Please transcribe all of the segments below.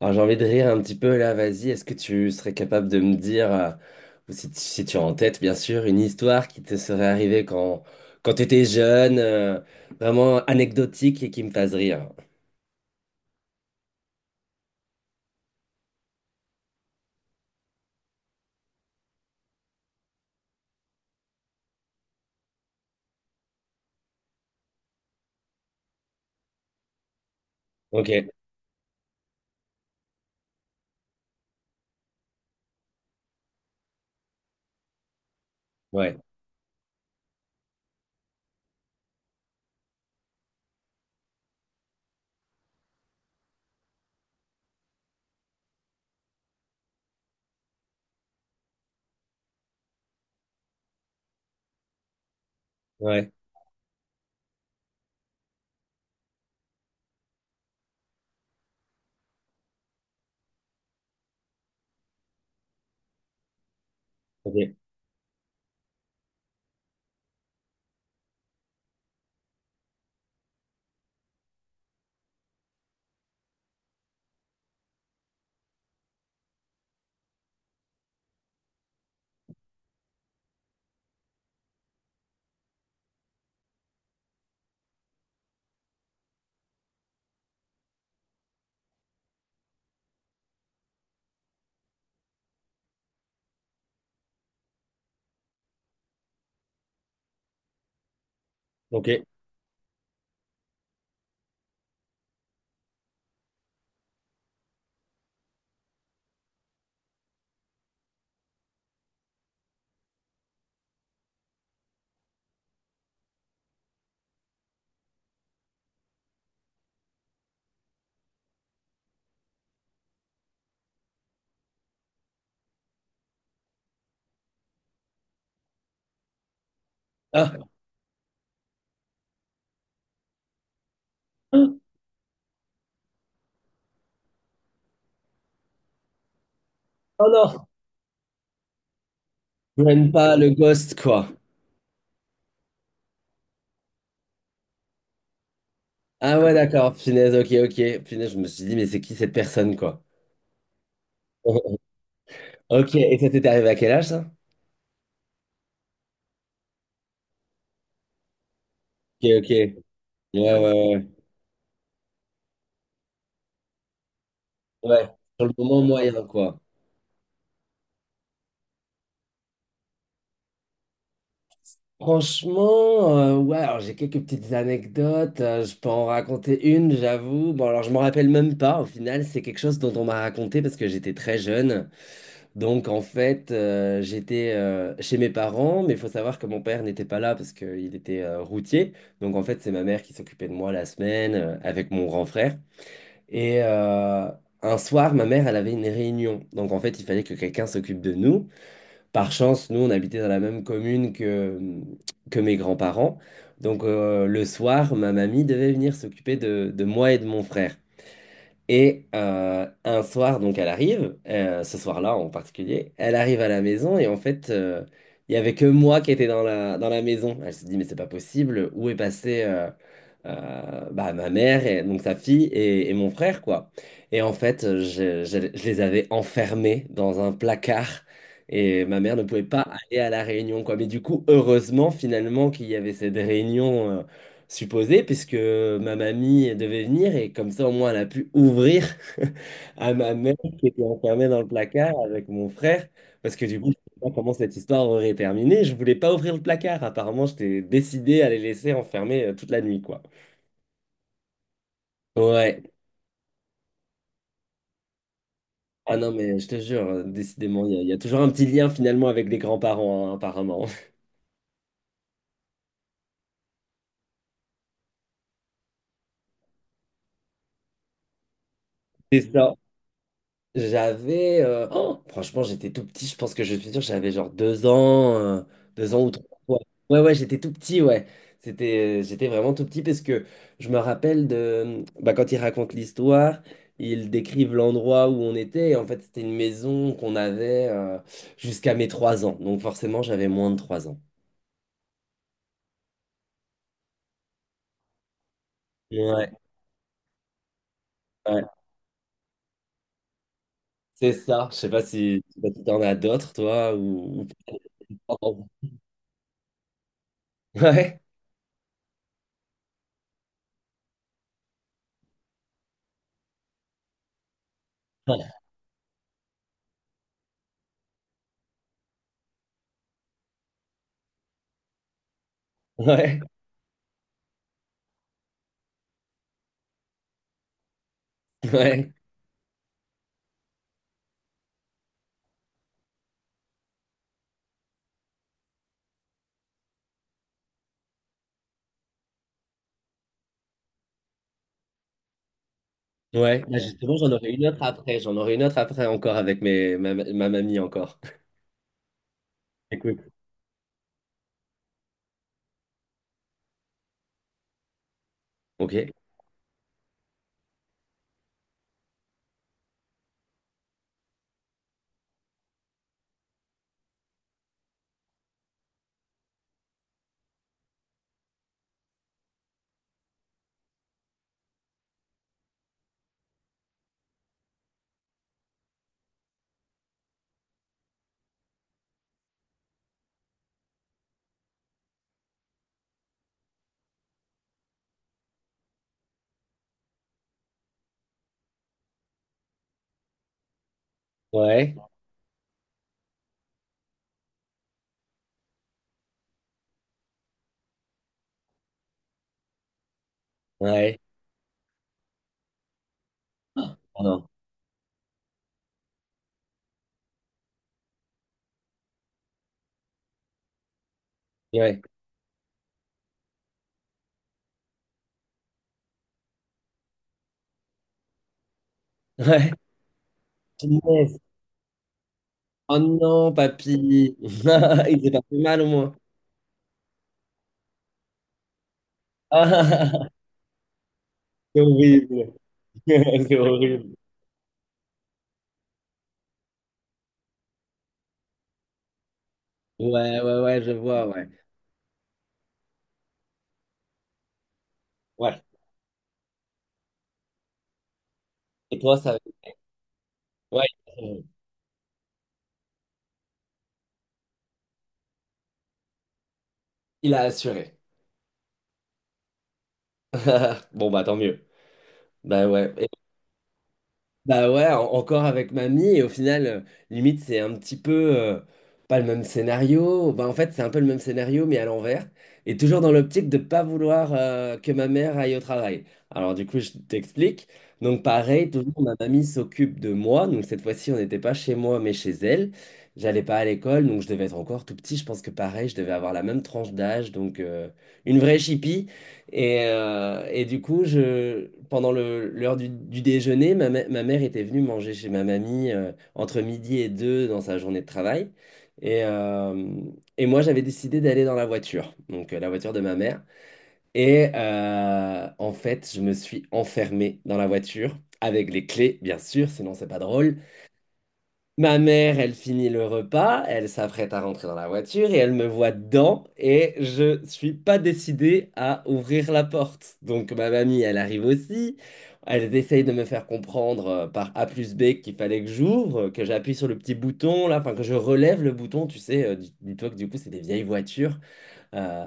Alors j'ai envie de rire un petit peu là, vas-y, est-ce que tu serais capable de me dire, ou si, tu si tu as en tête bien sûr, une histoire qui te serait arrivée quand tu étais jeune, vraiment anecdotique et qui me fasse rire? Ok, ouais, ouais, ok, ok. Ah, ah, oh non, même pas le ghost quoi. Ah ouais, d'accord, punaise, ok, ok, punaise, je me suis dit, mais c'est qui cette personne quoi? Ok, et ça t'était arrivé à quel âge ça? Ok, ok, ouais, ouais, ouais, ouais, ouais, sur le moment moyen quoi. Franchement, ouais, alors j'ai quelques petites anecdotes, je peux en raconter une, j'avoue. Bon, alors je m'en rappelle même pas, au final, c'est quelque chose dont on m'a raconté parce que j'étais très jeune. Donc en fait, j'étais chez mes parents, mais il faut savoir que mon père n'était pas là parce qu'il était routier. Donc en fait, c'est ma mère qui s'occupait de moi la semaine avec mon grand frère. Et un soir, ma mère, elle avait une réunion. Donc en fait, il fallait que quelqu'un s'occupe de nous. Par chance, nous, on habitait dans la même commune que mes grands-parents. Donc, le soir, ma mamie devait venir s'occuper de moi et de mon frère. Et un soir, donc, elle arrive, ce soir-là en particulier, elle arrive à la maison et en fait, il n'y avait que moi qui étais dans la maison. Elle se dit, mais c'est pas possible, où est passée bah, ma mère, et, donc sa fille et mon frère, quoi. Et en fait, je les avais enfermés dans un placard et ma mère ne pouvait pas aller à la réunion, quoi. Mais du coup, heureusement, finalement, qu'il y avait cette réunion supposé, puisque ma mamie devait venir et comme ça au moins elle a pu ouvrir à ma mère qui était enfermée dans le placard avec mon frère, parce que du coup je sais pas comment cette histoire aurait terminé, je voulais pas ouvrir le placard, apparemment j'étais décidé à les laisser enfermer toute la nuit quoi. Ouais, ah non mais je te jure, décidément il y a toujours un petit lien finalement avec les grands-parents hein, apparemment. C'est ça. J'avais, oh, franchement, j'étais tout petit. Je pense que je suis sûr, j'avais genre 2 ans, 2 ans ou trois. Ouais, ouais, ouais, j'étais tout petit, ouais. C'était, j'étais vraiment tout petit parce que je me rappelle de, bah, quand ils racontent l'histoire, ils décrivent l'endroit où on était. Et en fait, c'était une maison qu'on avait jusqu'à mes 3 ans. Donc forcément, j'avais moins de 3 ans. Ouais, ouais, c'est ça. je sais pas si t'en as d'autres, toi, ou... ou- Ouais, ouais, ouais. Ouais, bah justement, j'en aurai une autre après. J'en aurai une autre après encore avec ma mamie encore. Écoute. Ok. Ouais. Ouais. Oh non. Ouais. Ouais. Punaise. Oh non, papy. Il s'est pas fait mal au moins. Ah, c'est horrible. C'est horrible. Ouais, ouais, ouais, je vois, ouais. Ouais. Et toi, ça... Ouais. Il a assuré. Bon, bah tant mieux. Bah ouais. Bah ouais, encore avec mamie, et au final, limite, c'est un petit peu euh, pas le même scénario. Bah en fait, c'est un peu le même scénario, mais à l'envers. Et toujours dans l'optique de pas vouloir que ma mère aille au travail. Alors du coup, je t'explique. Donc pareil, toujours ma mamie s'occupe de moi. Donc cette fois-ci, on n'était pas chez moi, mais chez elle. J'allais pas à l'école, donc je devais être encore tout petit. Je pense que pareil, je devais avoir la même tranche d'âge, donc une vraie chipie. Et du coup, pendant l'heure du déjeuner, ma mère était venue manger chez ma mamie entre midi et deux dans sa journée de travail. Et, euh, et moi, j'avais décidé d'aller dans la voiture, donc la voiture de ma mère. Et en fait, je me suis enfermé dans la voiture avec les clés, bien sûr, sinon c'est pas drôle. Ma mère, elle finit le repas, elle s'apprête à rentrer dans la voiture et elle me voit dedans et je suis pas décidé à ouvrir la porte. Donc ma mamie, elle arrive aussi. Elle essaye de me faire comprendre par A plus B qu'il fallait que j'ouvre, que j'appuie sur le petit bouton là, enfin que je relève le bouton, tu sais. Dis-toi que du coup, c'est des vieilles voitures. euh,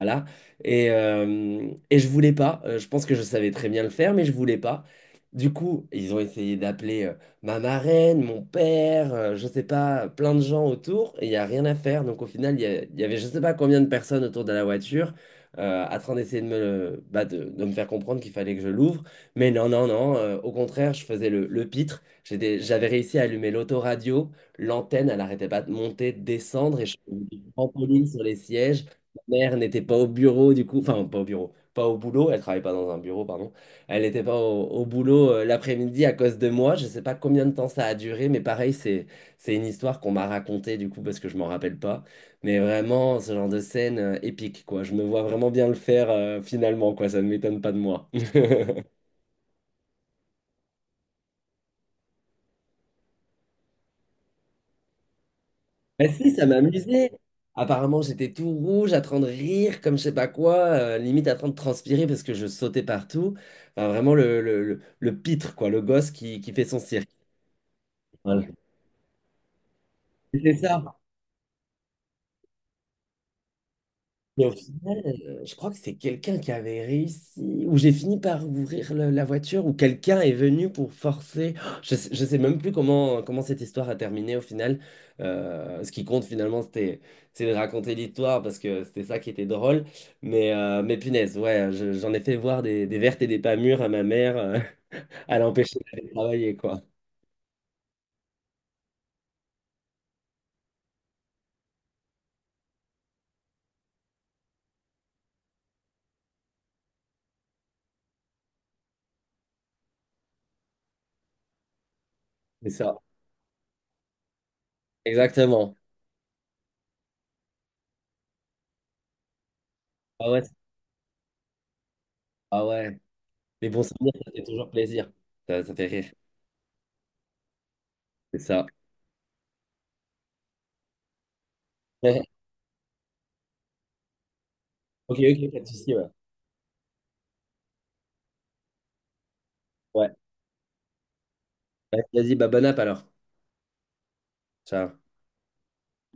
voilà. Et je voulais pas. Je pense que je savais très bien le faire, mais je voulais pas. Du coup, ils ont essayé d'appeler ma marraine, mon père, je sais pas, plein de gens autour, et il n'y a rien à faire. Donc au final, il y avait je sais pas combien de personnes autour de la voiture, à train d'essayer de bah, de me faire comprendre qu'il fallait que je l'ouvre. Mais non, non, non. Au contraire, je faisais le pitre. J'avais réussi à allumer l'autoradio. L'antenne, elle arrêtait pas de monter, de descendre, et je faisais des trampolines sur les sièges mère n'était pas au bureau, du coup, enfin, pas au bureau, pas au boulot, elle travaillait pas dans un bureau, pardon. Elle n'était pas au boulot l'après-midi à cause de moi. Je sais pas combien de temps ça a duré, mais pareil, c'est une histoire qu'on m'a racontée, du coup, parce que je m'en rappelle pas. Mais vraiment, ce genre de scène épique, quoi. Je me vois vraiment bien le faire finalement, quoi. Ça ne m'étonne pas de moi. Bah si, ça m'amusait. Apparemment, j'étais tout rouge, à train de rire, comme je sais pas quoi, limite à train de transpirer parce que je sautais partout. Enfin, vraiment le pitre, quoi, le gosse qui fait son cirque. Voilà. C'était ça. Mais au final, je crois que c'est quelqu'un qui avait réussi, ou j'ai fini par ouvrir la voiture, ou quelqu'un est venu pour forcer. Je sais même plus comment cette histoire a terminé au final. Ce qui compte finalement, c'est de raconter l'histoire parce que c'était ça qui était drôle. Mais punaise, ouais, j'en ai fait voir des vertes et des pas mûres à ma mère, à l'empêcher d'aller travailler, quoi. C'est ça. Exactement. Ah ouais, ah ouais. Les bons souvenirs, ça fait toujours plaisir. Ça fait rire. C'est ça. Ok, ok, pas de souci, ouais. Ouais. Vas-y, bah, bonne app alors. Ciao.